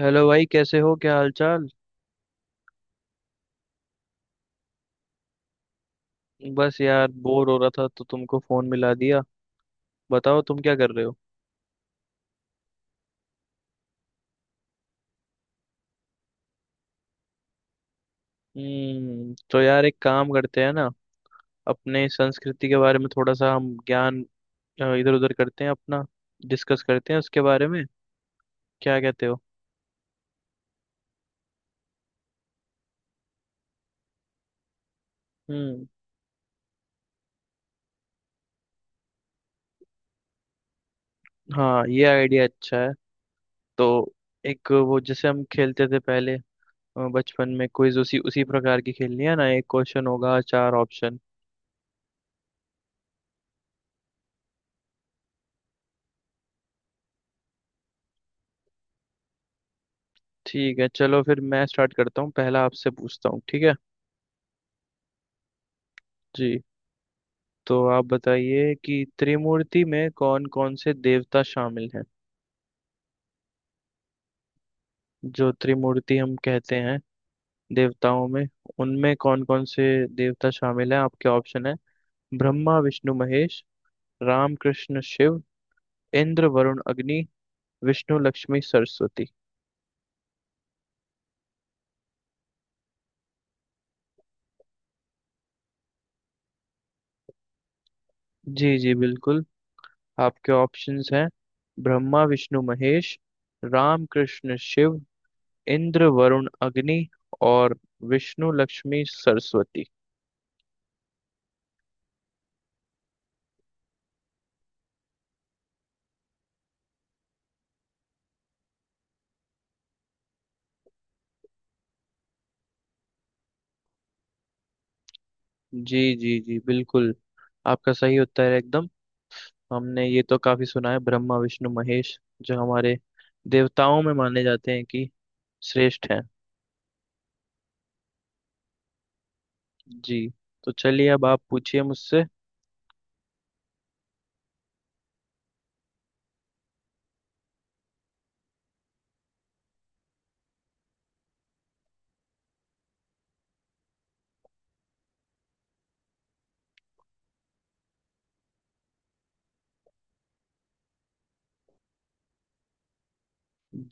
Hello भाई। कैसे हो? क्या हाल चाल? बस यार बोर हो रहा था तो तुमको फोन मिला दिया। बताओ तुम क्या कर रहे हो? हम्म। तो यार एक काम करते हैं ना, अपने संस्कृति के बारे में थोड़ा सा हम ज्ञान इधर उधर करते हैं अपना। डिस्कस करते हैं उसके बारे में। क्या कहते हो? हम्म। हाँ ये आइडिया अच्छा है। तो एक वो जैसे हम खेलते थे पहले, बचपन में क्विज उसी उसी प्रकार की खेलनी है ना। एक क्वेश्चन होगा चार ऑप्शन। ठीक है चलो फिर मैं स्टार्ट करता हूँ। पहला आपसे पूछता हूँ ठीक है? जी। तो आप बताइए कि त्रिमूर्ति में कौन कौन से देवता शामिल हैं? जो त्रिमूर्ति हम कहते हैं देवताओं में, उनमें कौन कौन से देवता शामिल हैं? आपके ऑप्शन है ब्रह्मा विष्णु महेश, राम कृष्ण शिव, इंद्र वरुण अग्नि, विष्णु लक्ष्मी सरस्वती। जी जी बिल्कुल। आपके ऑप्शंस हैं ब्रह्मा विष्णु महेश, राम कृष्ण शिव, इंद्र वरुण अग्नि, और विष्णु लक्ष्मी सरस्वती। जी जी जी बिल्कुल। आपका सही उत्तर है एकदम। हमने ये तो काफी सुना है ब्रह्मा विष्णु महेश जो हमारे देवताओं में माने जाते हैं कि श्रेष्ठ हैं। जी। तो चलिए अब आप पूछिए मुझसे।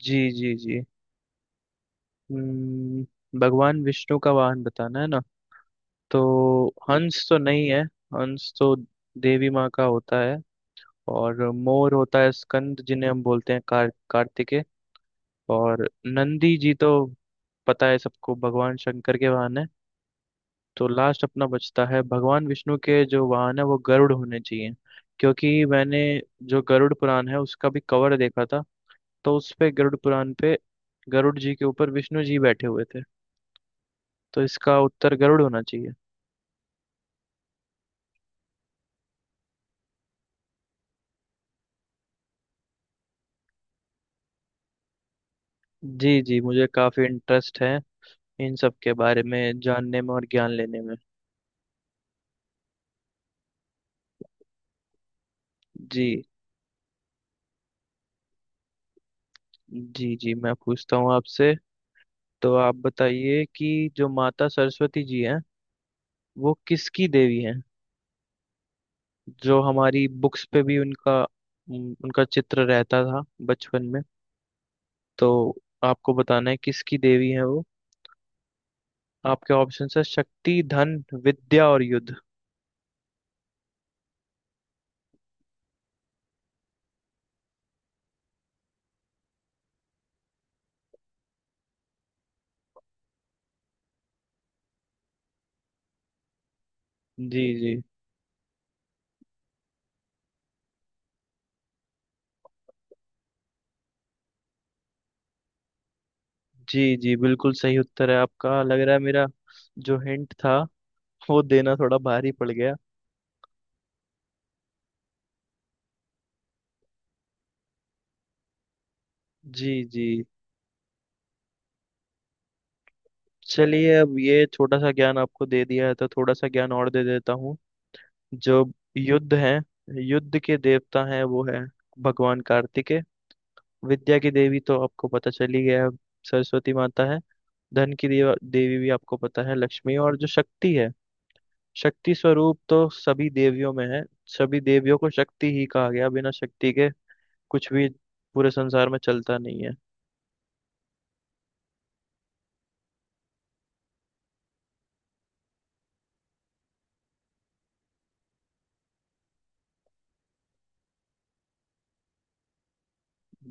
जी जी जी। भगवान विष्णु का वाहन बताना है ना? तो हंस तो नहीं है। हंस तो देवी माँ का होता है। और मोर होता है स्कंद जिन्हें हम बोलते हैं कार्तिकेय। और नंदी जी तो पता है सबको भगवान शंकर के वाहन है। तो लास्ट अपना बचता है भगवान विष्णु के जो वाहन है वो गरुड़ होने चाहिए। क्योंकि मैंने जो गरुड़ पुराण है उसका भी कवर देखा था, तो उस पे गरुड़ पुराण पे गरुड़ जी के ऊपर विष्णु जी बैठे हुए थे। तो इसका उत्तर गरुड़ होना चाहिए। जी जी मुझे काफ़ी इंटरेस्ट है इन सब के बारे में जानने में और ज्ञान लेने में। जी जी जी मैं पूछता हूँ आपसे। तो आप बताइए कि जो माता सरस्वती जी हैं वो किसकी देवी हैं? जो हमारी बुक्स पे भी उनका उनका चित्र रहता था बचपन में। तो आपको बताना है किसकी देवी है वो। आपके ऑप्शन है शक्ति, धन, विद्या और युद्ध। जी जी। जी जी बिल्कुल सही उत्तर है आपका। लग रहा है मेरा जो हिंट था वो देना थोड़ा भारी पड़ गया। जी जी। चलिए अब ये छोटा सा ज्ञान आपको दे दिया है तो थोड़ा सा ज्ञान और दे देता हूँ। जो युद्ध है, युद्ध के देवता हैं वो है भगवान कार्तिकेय। विद्या की देवी तो आपको पता चली गया है, सरस्वती माता है। धन की देवी भी आपको पता है लक्ष्मी। और जो शक्ति है, शक्ति स्वरूप तो सभी देवियों में है। सभी देवियों को शक्ति ही कहा गया। बिना शक्ति के कुछ भी पूरे संसार में चलता नहीं है।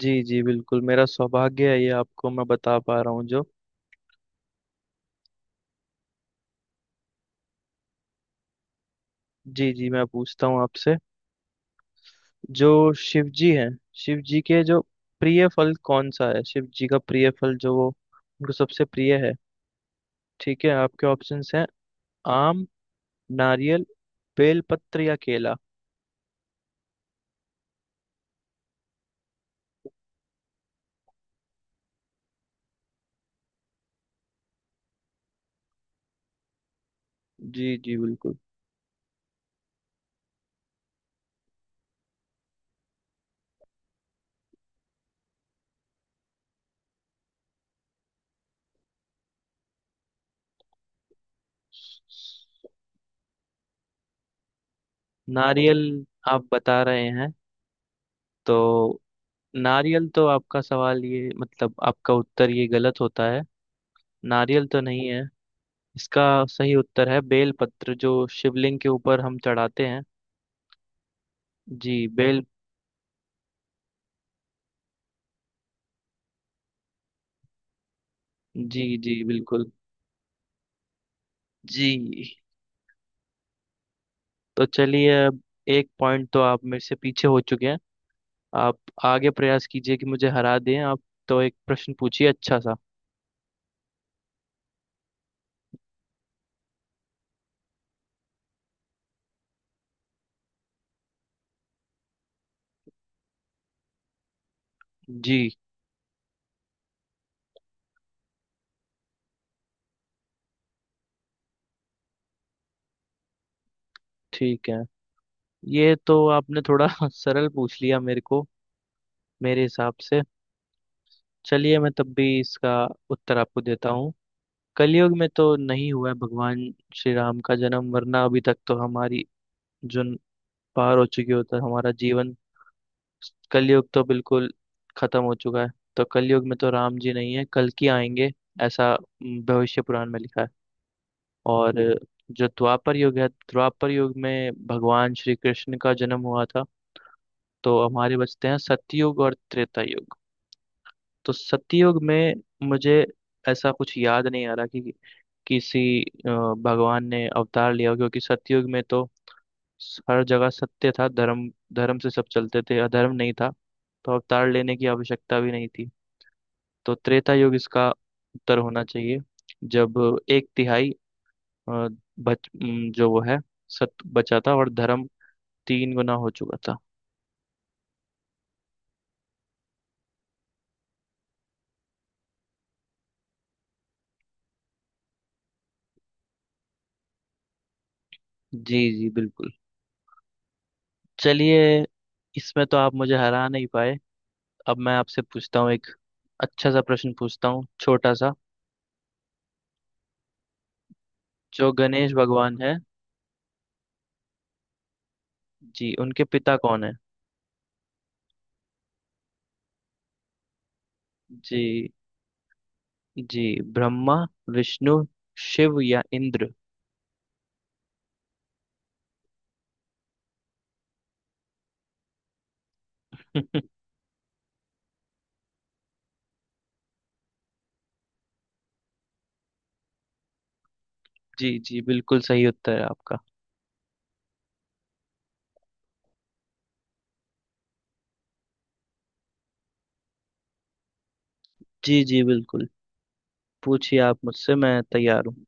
जी जी बिल्कुल। मेरा सौभाग्य है ये आपको मैं बता पा रहा हूँ जो। जी जी मैं पूछता हूँ आपसे। जो शिव जी हैं, शिव जी के जो प्रिय फल कौन सा है? शिव जी का प्रिय फल जो वो उनको सबसे प्रिय है। ठीक है आपके ऑप्शंस हैं आम, नारियल, बेलपत्र या केला। जी जी बिल्कुल। नारियल आप बता रहे हैं, तो नारियल तो आपका सवाल ये मतलब आपका उत्तर ये गलत होता है। नारियल तो नहीं है। इसका सही उत्तर है बेल पत्र जो शिवलिंग के ऊपर हम चढ़ाते हैं। जी बेल। जी जी बिल्कुल। जी। तो चलिए अब एक पॉइंट तो आप मेरे से पीछे हो चुके हैं। आप आगे प्रयास कीजिए कि मुझे हरा दें आप। तो एक प्रश्न पूछिए अच्छा सा। जी। ठीक है। ये तो आपने थोड़ा सरल पूछ लिया मेरे को मेरे हिसाब से। चलिए मैं तब भी इसका उत्तर आपको देता हूँ। कलयुग में तो नहीं हुआ है भगवान श्री राम का जन्म, वरना अभी तक तो हमारी जो पार हो चुकी होता है हमारा जीवन। कलयुग तो बिल्कुल खत्म हो चुका है। तो कलयुग में तो राम जी नहीं है, कल की आएंगे ऐसा भविष्य पुराण में लिखा है। और जो द्वापर युग है, द्वापर युग में भगवान श्री कृष्ण का जन्म हुआ था। तो हमारे बचते हैं सतयुग और त्रेता युग। तो सतयुग में मुझे ऐसा कुछ याद नहीं आ रहा कि किसी भगवान ने अवतार लिया हो, क्योंकि सतयुग में तो हर जगह सत्य था, धर्म धर्म से सब चलते थे, अधर्म नहीं था। तो अवतार लेने की आवश्यकता भी नहीं थी। तो त्रेता युग इसका उत्तर होना चाहिए, जब एक तिहाई अ, जो वो है सत बचा था और धर्म तीन गुना हो चुका था। जी जी बिल्कुल। चलिए इसमें तो आप मुझे हरा नहीं पाए। अब मैं आपसे पूछता हूँ एक अच्छा सा प्रश्न पूछता हूँ छोटा सा। जो गणेश भगवान है, जी उनके पिता कौन है। जी जी ब्रह्मा, विष्णु, शिव या इंद्र। जी जी बिल्कुल सही उत्तर है आपका। जी जी बिल्कुल। पूछिए आप मुझसे मैं तैयार हूँ।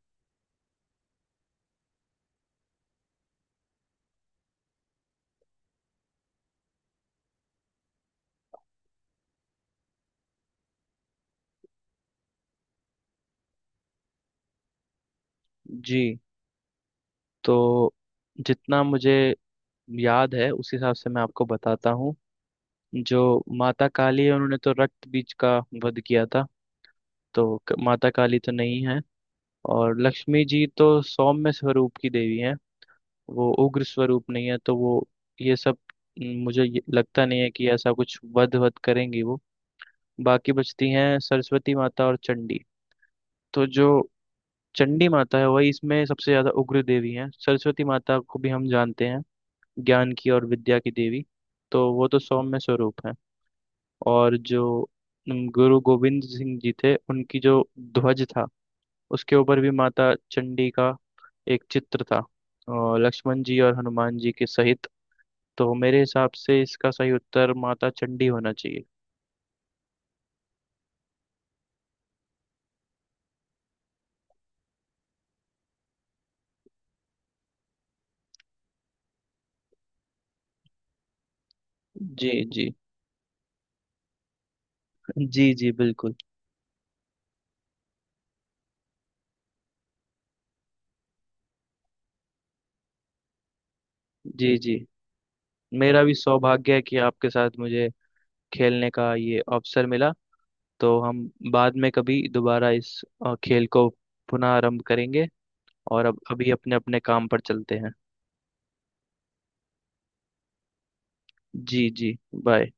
जी। तो जितना मुझे याद है उस हिसाब से मैं आपको बताता हूँ। जो माता काली है उन्होंने तो रक्त बीज का वध किया था। तो माता काली तो नहीं है। और लक्ष्मी जी तो सौम्य स्वरूप की देवी हैं, वो उग्र स्वरूप नहीं है। तो वो ये सब न, मुझे लगता नहीं है कि ऐसा कुछ वध वध करेंगी वो। बाकी बचती हैं सरस्वती माता और चंडी। तो जो चंडी माता है वही इसमें सबसे ज्यादा उग्र देवी हैं। सरस्वती माता को भी हम जानते हैं ज्ञान की और विद्या की देवी, तो वो तो सौम्य स्वरूप है। और जो गुरु गोविंद सिंह जी थे उनकी जो ध्वज था, उसके ऊपर भी माता चंडी का एक चित्र था, और लक्ष्मण जी और हनुमान जी के सहित। तो मेरे हिसाब से इसका सही उत्तर माता चंडी होना चाहिए। जी जी। जी जी बिल्कुल। जी जी मेरा भी सौभाग्य है कि आपके साथ मुझे खेलने का ये अवसर मिला। तो हम बाद में कभी दोबारा इस खेल को पुनः आरंभ करेंगे। और अब अभी अपने अपने काम पर चलते हैं। जी जी बाय।